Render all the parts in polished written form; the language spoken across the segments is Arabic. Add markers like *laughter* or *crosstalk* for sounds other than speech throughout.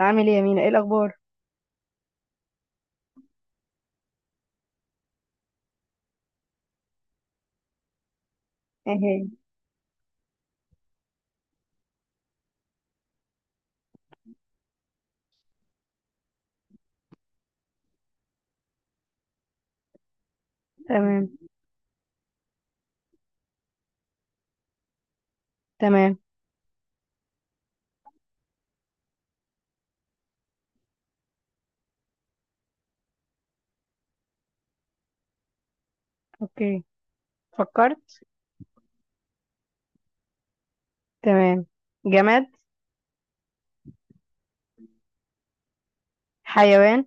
عامل ايه يا مينا؟ ايه الاخبار؟ اهي. تمام تمام. اوكي، فكرت. تمام. جماد. حيوان.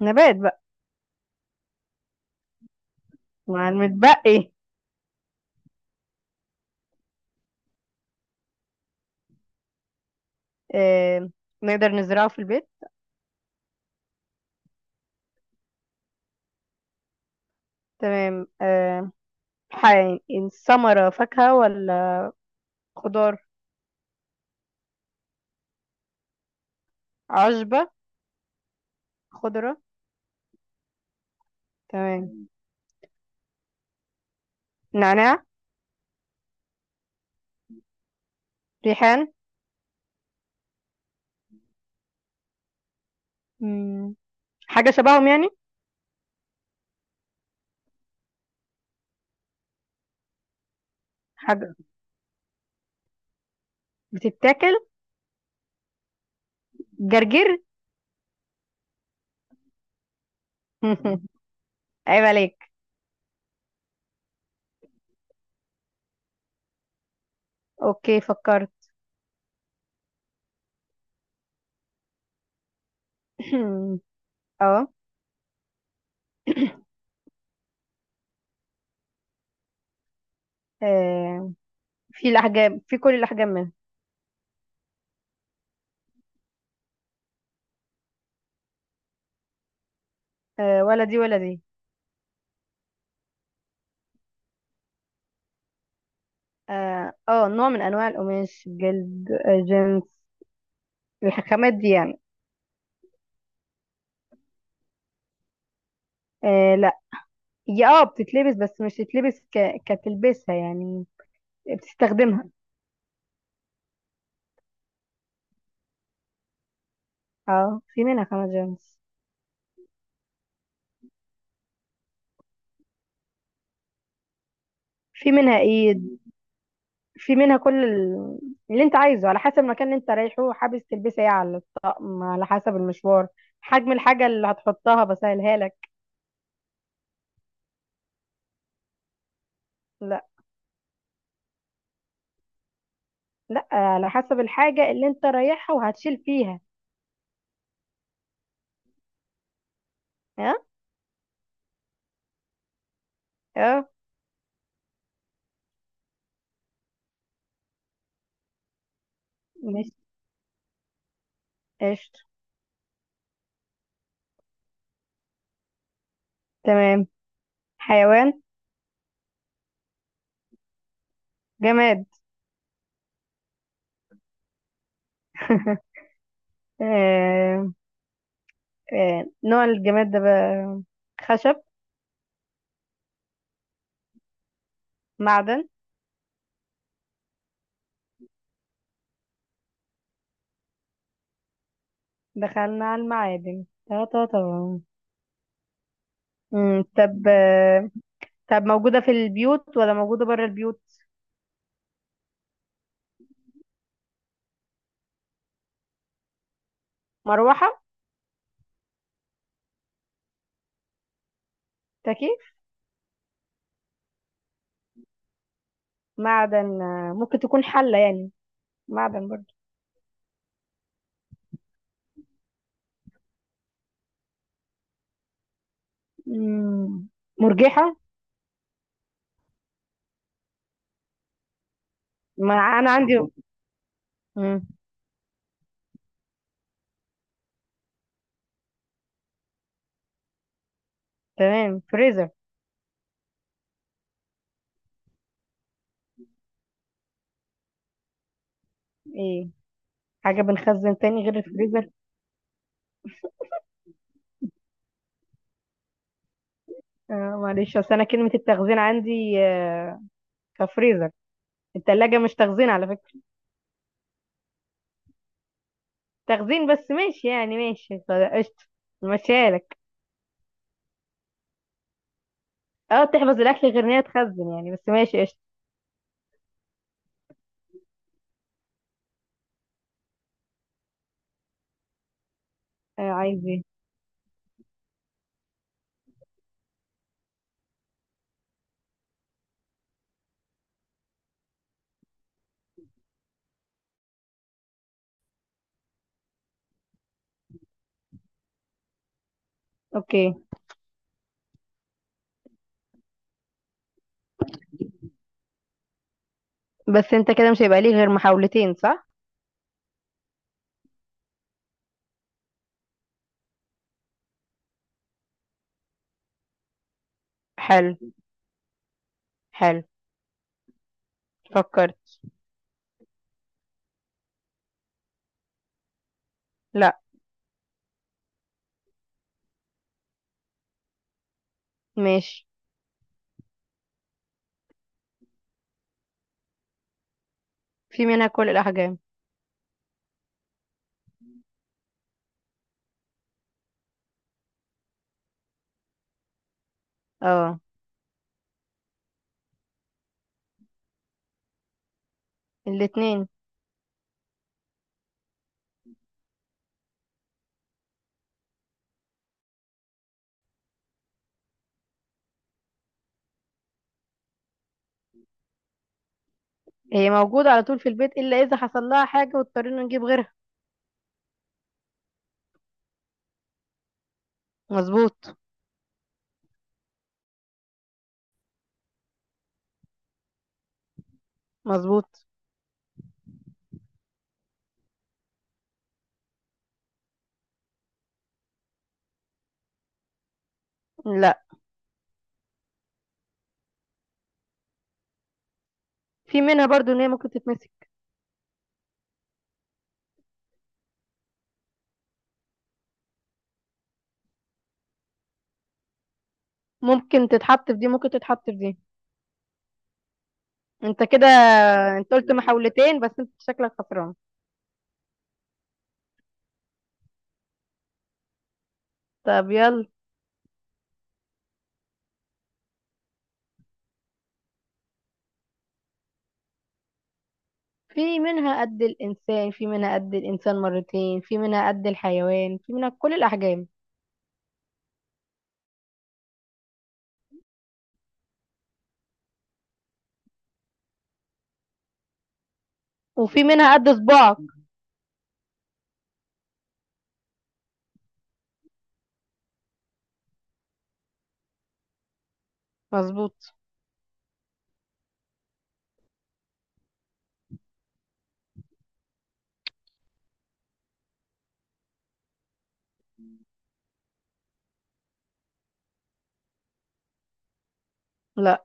نبات بقى مع المتبقي. آه. نقدر نزرعه في البيت. تمام. حي... ثمرة، فاكهة ولا خضار؟ عشبة. خضرة. تمام. نعناع. ريحان. مم. حاجة شبههم يعني؟ حاجة بتتاكل؟ جرجير. *laughs* عيب عليك. اوكي، فكرت. *clears throat* اه. آه. في الأحجام، في كل الأحجام منها. آه، ولا دي ولا دي. اه، نوع من أنواع القماش، جلد، آه، جنس الخامات دي يعني. آه لا، هي اه بتتلبس بس مش تتلبس كتلبسها يعني، بتستخدمها. اه، في منها خامات جنس. في منها ايد، في منها اللي انت عايزه، على حسب المكان اللي انت رايحه حابس تلبسها ايه، على الطقم، على حسب المشوار، حجم الحاجة اللي هتحطها بسهلها لك. لا. لا، على حسب الحاجة اللي انت رايحها وهتشيل فيها. ها. اه. مش قشطة. تمام. حيوان. جماد. *laughs* آه، نوع الجماد ده بقى، خشب، معدن. دخلنا على المعادن تا تا تا. طب، طب موجودة في البيوت ولا موجودة بره البيوت؟ مروحة. تكييف. معدن، ممكن تكون حلة يعني، معدن برضه. مم، مرجحة. ما أنا عندي. مم، تمام، فريزر. إيه؟ حاجة بنخزن تاني غير الفريزر؟ آه. معلش، اصل انا كلمة التخزين عندي آه كفريزر. التلاجة مش تخزين على فكرة. تخزين بس ماشي يعني، ماشي خلاص، قشطة. ماشيها لك. اه تحفظ الاكل، غير ان هي تخزن يعني، بس ماشي قشطة. آه، عايز ايه؟ اوكي. بس انت كده مش هيبقى ليه غير محاولتين، صح؟ حلو. حلو. فكرت. لا. ماشي. في منها كل الاحجام. اه. الاتنين. هي موجودة على طول في البيت، الا اذا حصل لها حاجة واضطرينا نجيب غيرها. مظبوط. مظبوط. لا. في منها برضو ان هي ممكن تتمسك. ممكن تتحط في دي، ممكن تتحط في دي. انت كده، انت قلت محاولتين بس انت شكلك خسران. طب يلا. في منها قد الانسان، في منها قد الانسان مرتين، في منها قد الحيوان، في منها كل الاحجام. وفي منها قد صباعك. مظبوط. لا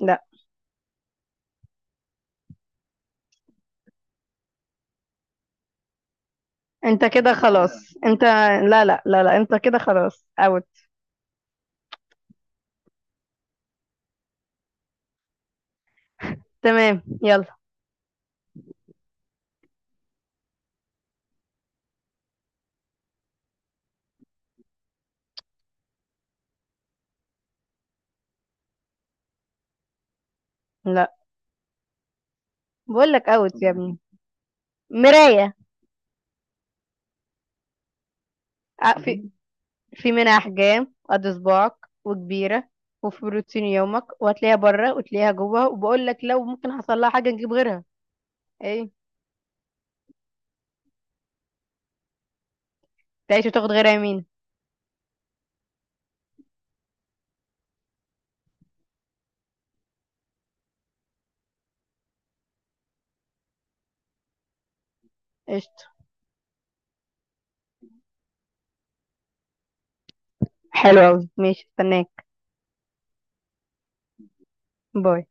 لا انت كده خلاص انت، لا لا لا لا، انت كده خلاص اوت. تمام يلا. لا. بقول لك اوت يا ابني. مراية. اه، في، في منها أحجام قد صباعك، وكبيرة، وفي بروتين يومك، وهتلاقيها بره وتلاقيها جوه، وبقول لك لو ممكن حصل لها حاجة نجيب غيرها. ايه. تعيش وتاخد غيرها، يمين. قشطة. حلو أوي، ماشي، استناك. باي.